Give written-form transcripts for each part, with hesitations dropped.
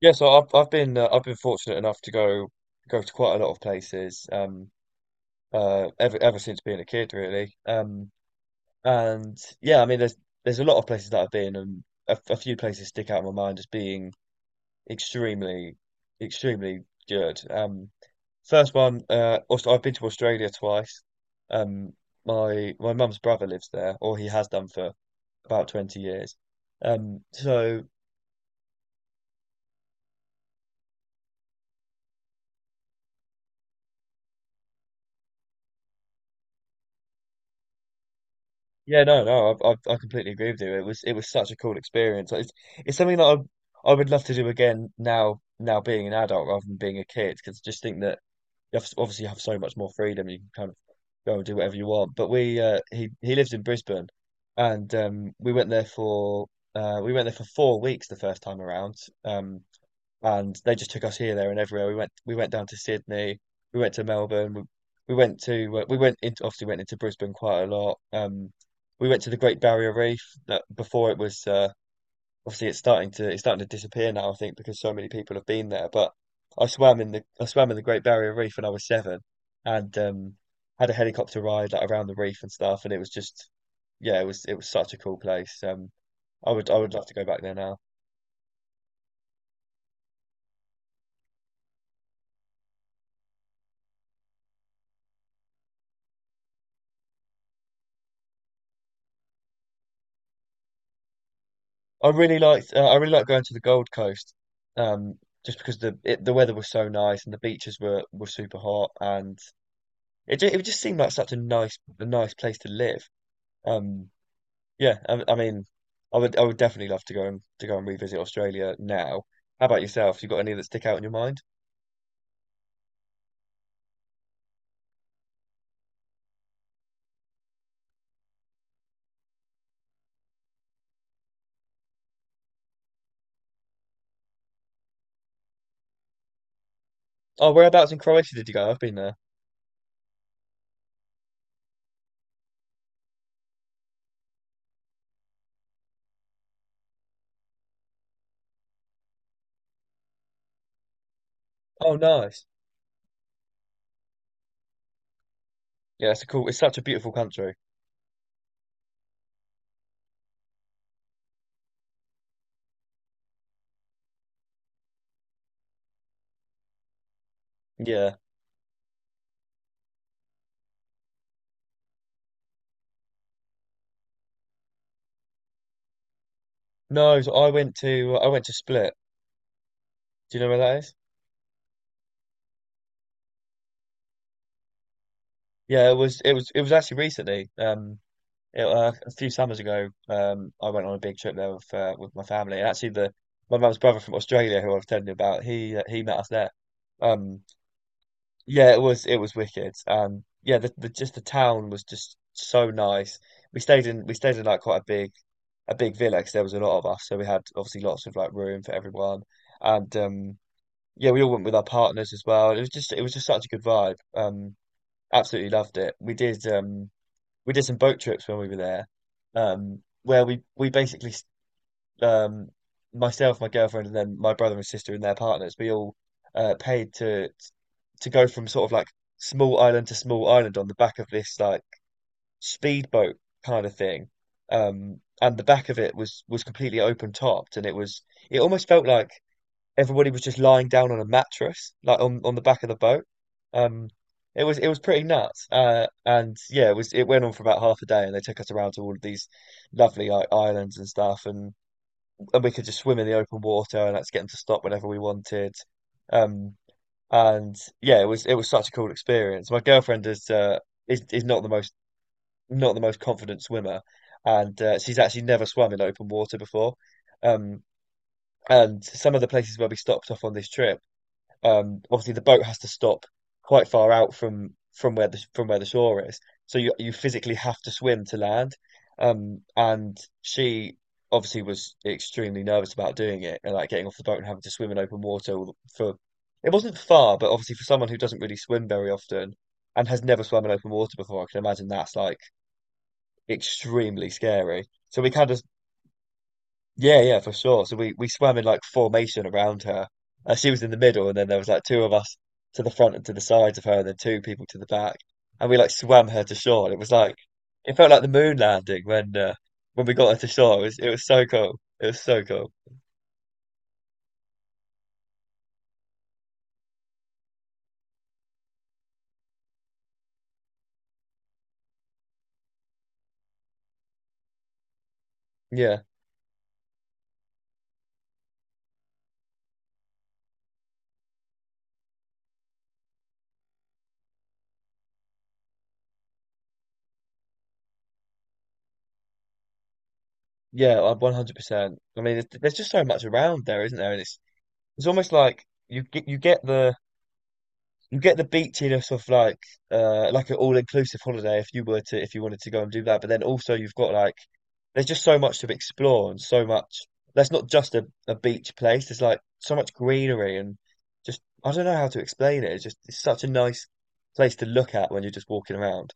Yeah, so I've been I've been fortunate enough to go to quite a lot of places ever since being a kid, really. And yeah, I mean, there's a lot of places that I've been, and a few places stick out in my mind as being extremely extremely good. First one, also I've been to Australia twice. Um my my mum's brother lives there, or he has done for about 20 years. um so Yeah, no, no, I completely agree with you. It was such a cool experience. Like, it's something that I would love to do again, now being an adult rather than being a kid, because I just think that you have, obviously, you have so much more freedom. You can kind of go and do whatever you want. But we he lives in Brisbane, and we went there for 4 weeks the first time around. Um, and they just took us here, there, and everywhere. We went down to Sydney, we went to Melbourne, we went to we went into obviously went into Brisbane quite a lot. We went to the Great Barrier Reef that before it was obviously it's starting to disappear now, I think, because so many people have been there. But I swam in the Great Barrier Reef when I was seven, and had a helicopter ride like around the reef and stuff, and it was just yeah, it was such a cool place. I would love to go back there now. I really liked going to the Gold Coast, um, just because the weather was so nice and the beaches were super hot, and it just seemed like such a nice place to live. Um, I mean, I would definitely love to go and revisit Australia now. How about yourself? You got any that stick out in your mind? Oh, whereabouts in Croatia did you go? I've been there. Oh, nice. Yeah, it's a cool. It's such a beautiful country. Yeah. No, so I went to Split. Do you know where that is? Yeah, it was it was actually recently. A few summers ago, I went on a big trip there with my family, and actually the my mum's brother from Australia, who I was telling you about, he met us there. Um, yeah, it was wicked. Yeah, the just the town was just so nice. We stayed in like quite a big villa, because there was a lot of us, so we had obviously lots of like room for everyone, and yeah, we all went with our partners as well. It was just such a good vibe. Absolutely loved it. We did. We did some boat trips when we were there, where we basically, um, myself, my girlfriend, and then my brother and sister and their partners, we all paid to go from sort of like small island to small island on the back of this like speedboat kind of thing. And the back of it was completely open topped, and it was it almost felt like everybody was just lying down on a mattress, like on the back of the boat. Um, it was pretty nuts. And yeah, it went on for about half a day, and they took us around to all of these lovely like islands and stuff, and we could just swim in the open water, and that's get them to stop whenever we wanted. Um, and yeah, it was such a cool experience. My girlfriend is not the most confident swimmer, and she's actually never swum in open water before. Um, and some of the places where we stopped off on this trip, obviously the boat has to stop quite far out from from where the shore is, so you physically have to swim to land. And she obviously was extremely nervous about doing it, and like getting off the boat and having to swim in open water for, it wasn't far, but obviously for someone who doesn't really swim very often and has never swum in open water before, I can imagine that's like extremely scary. So we kind of yeah, yeah, for sure. So we swam in like formation around her. She was in the middle, and then there was like two of us to the front and to the sides of her, and then two people to the back. And we like swam her to shore. And it was like it felt like the moon landing when we got her to shore. It was so cool. It was so cool. Yeah, yeah, 100%. I mean, there's just so much around there, isn't there? And it's almost like you get the beachiness of like an all-inclusive holiday, if you were to, if you wanted to go and do that. But then also you've got like there's just so much to explore, and so much that's not just a beach place. There's like so much greenery, and just I don't know how to explain it. It's just it's such a nice place to look at when you're just walking around.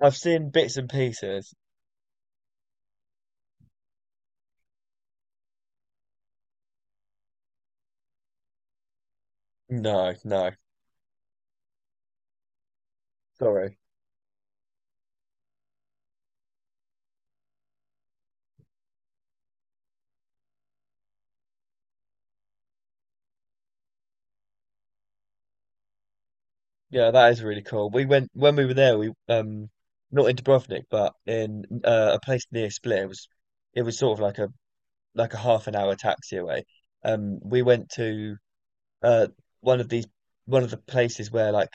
I've seen bits and pieces. No no sorry. Yeah, that is really cool. We went when we were there, we not in Dubrovnik, but in a place near Split. It was it was sort of like a half an hour taxi away. We went to uh one of these one of the places where like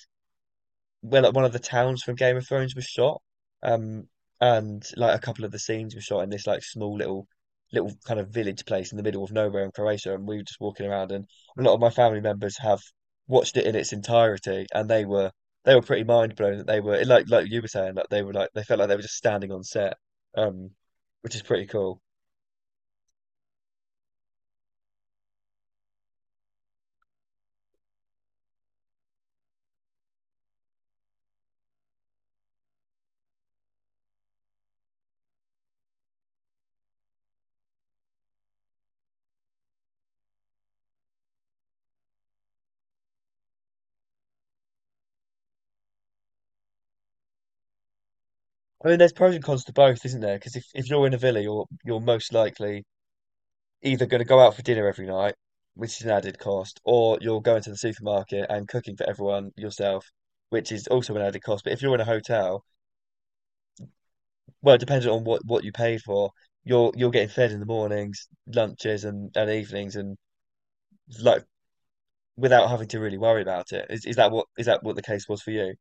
where like one of the towns from Game of Thrones was shot. Um, and like a couple of the scenes were shot in this like small little little kind of village place in the middle of nowhere in Croatia. And we were just walking around, and a lot of my family members have watched it in its entirety, and they were pretty mind blown, that they were like you were saying, like they were like they felt like they were just standing on set, um, which is pretty cool. I mean, there's pros and cons to both, isn't there? Because if you're in a villa, you're most likely either going to go out for dinner every night, which is an added cost, or you're going to the supermarket and cooking for everyone yourself, which is also an added cost. But if you're in a hotel, well, depending on what you paid for, you're getting fed in the mornings, lunches, and evenings, and like without having to really worry about it. Is is that what the case was for you?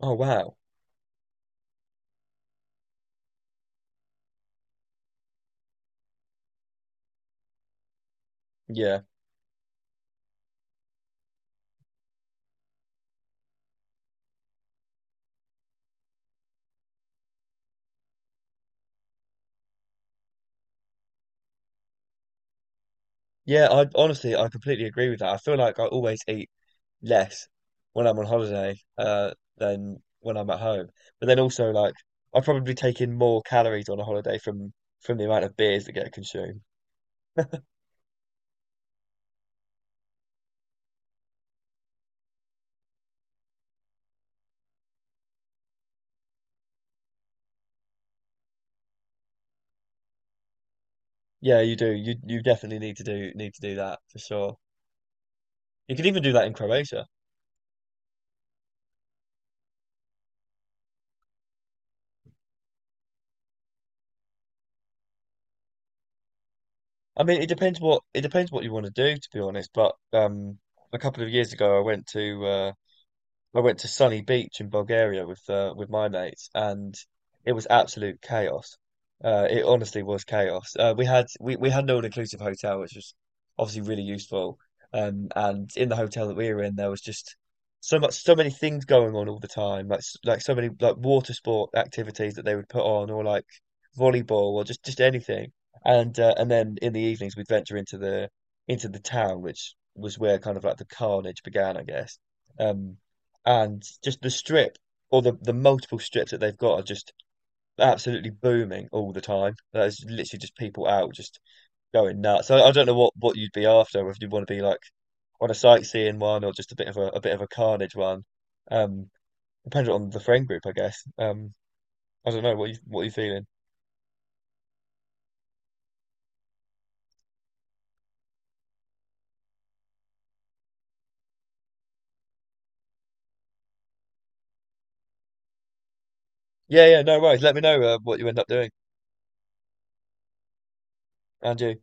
Oh wow, yeah, yeah. I completely agree with that. I feel like I always eat less when I'm on holiday, than when I'm at home. But then also, like, I probably take in more calories on a holiday from the amount of beers that get consumed. Yeah, you do. You definitely need to do that for sure. You could even do that in Croatia. I mean, it depends what you want to do, to be honest. But a couple of years ago, I went to Sunny Beach in Bulgaria with my mates, and it was absolute chaos. It honestly was chaos. We had an all-inclusive hotel, which was obviously really useful. And in the hotel that we were in, there was just so many things going on all the time, like like so many like water sport activities that they would put on, or like volleyball, or just anything. And then in the evenings, we'd venture into the town, which was where kind of like the carnage began, I guess. Um, and just the strip or the multiple strips that they've got are just absolutely booming all the time. There's literally just people out just going nuts. I don't know what you'd be after, if you want to be like on a sightseeing one, or just a bit of a bit of a carnage one. Um, depends on the friend group, I guess. I don't know what you feeling. Yeah, yeah, no worries. Let me know what you end up doing, and you.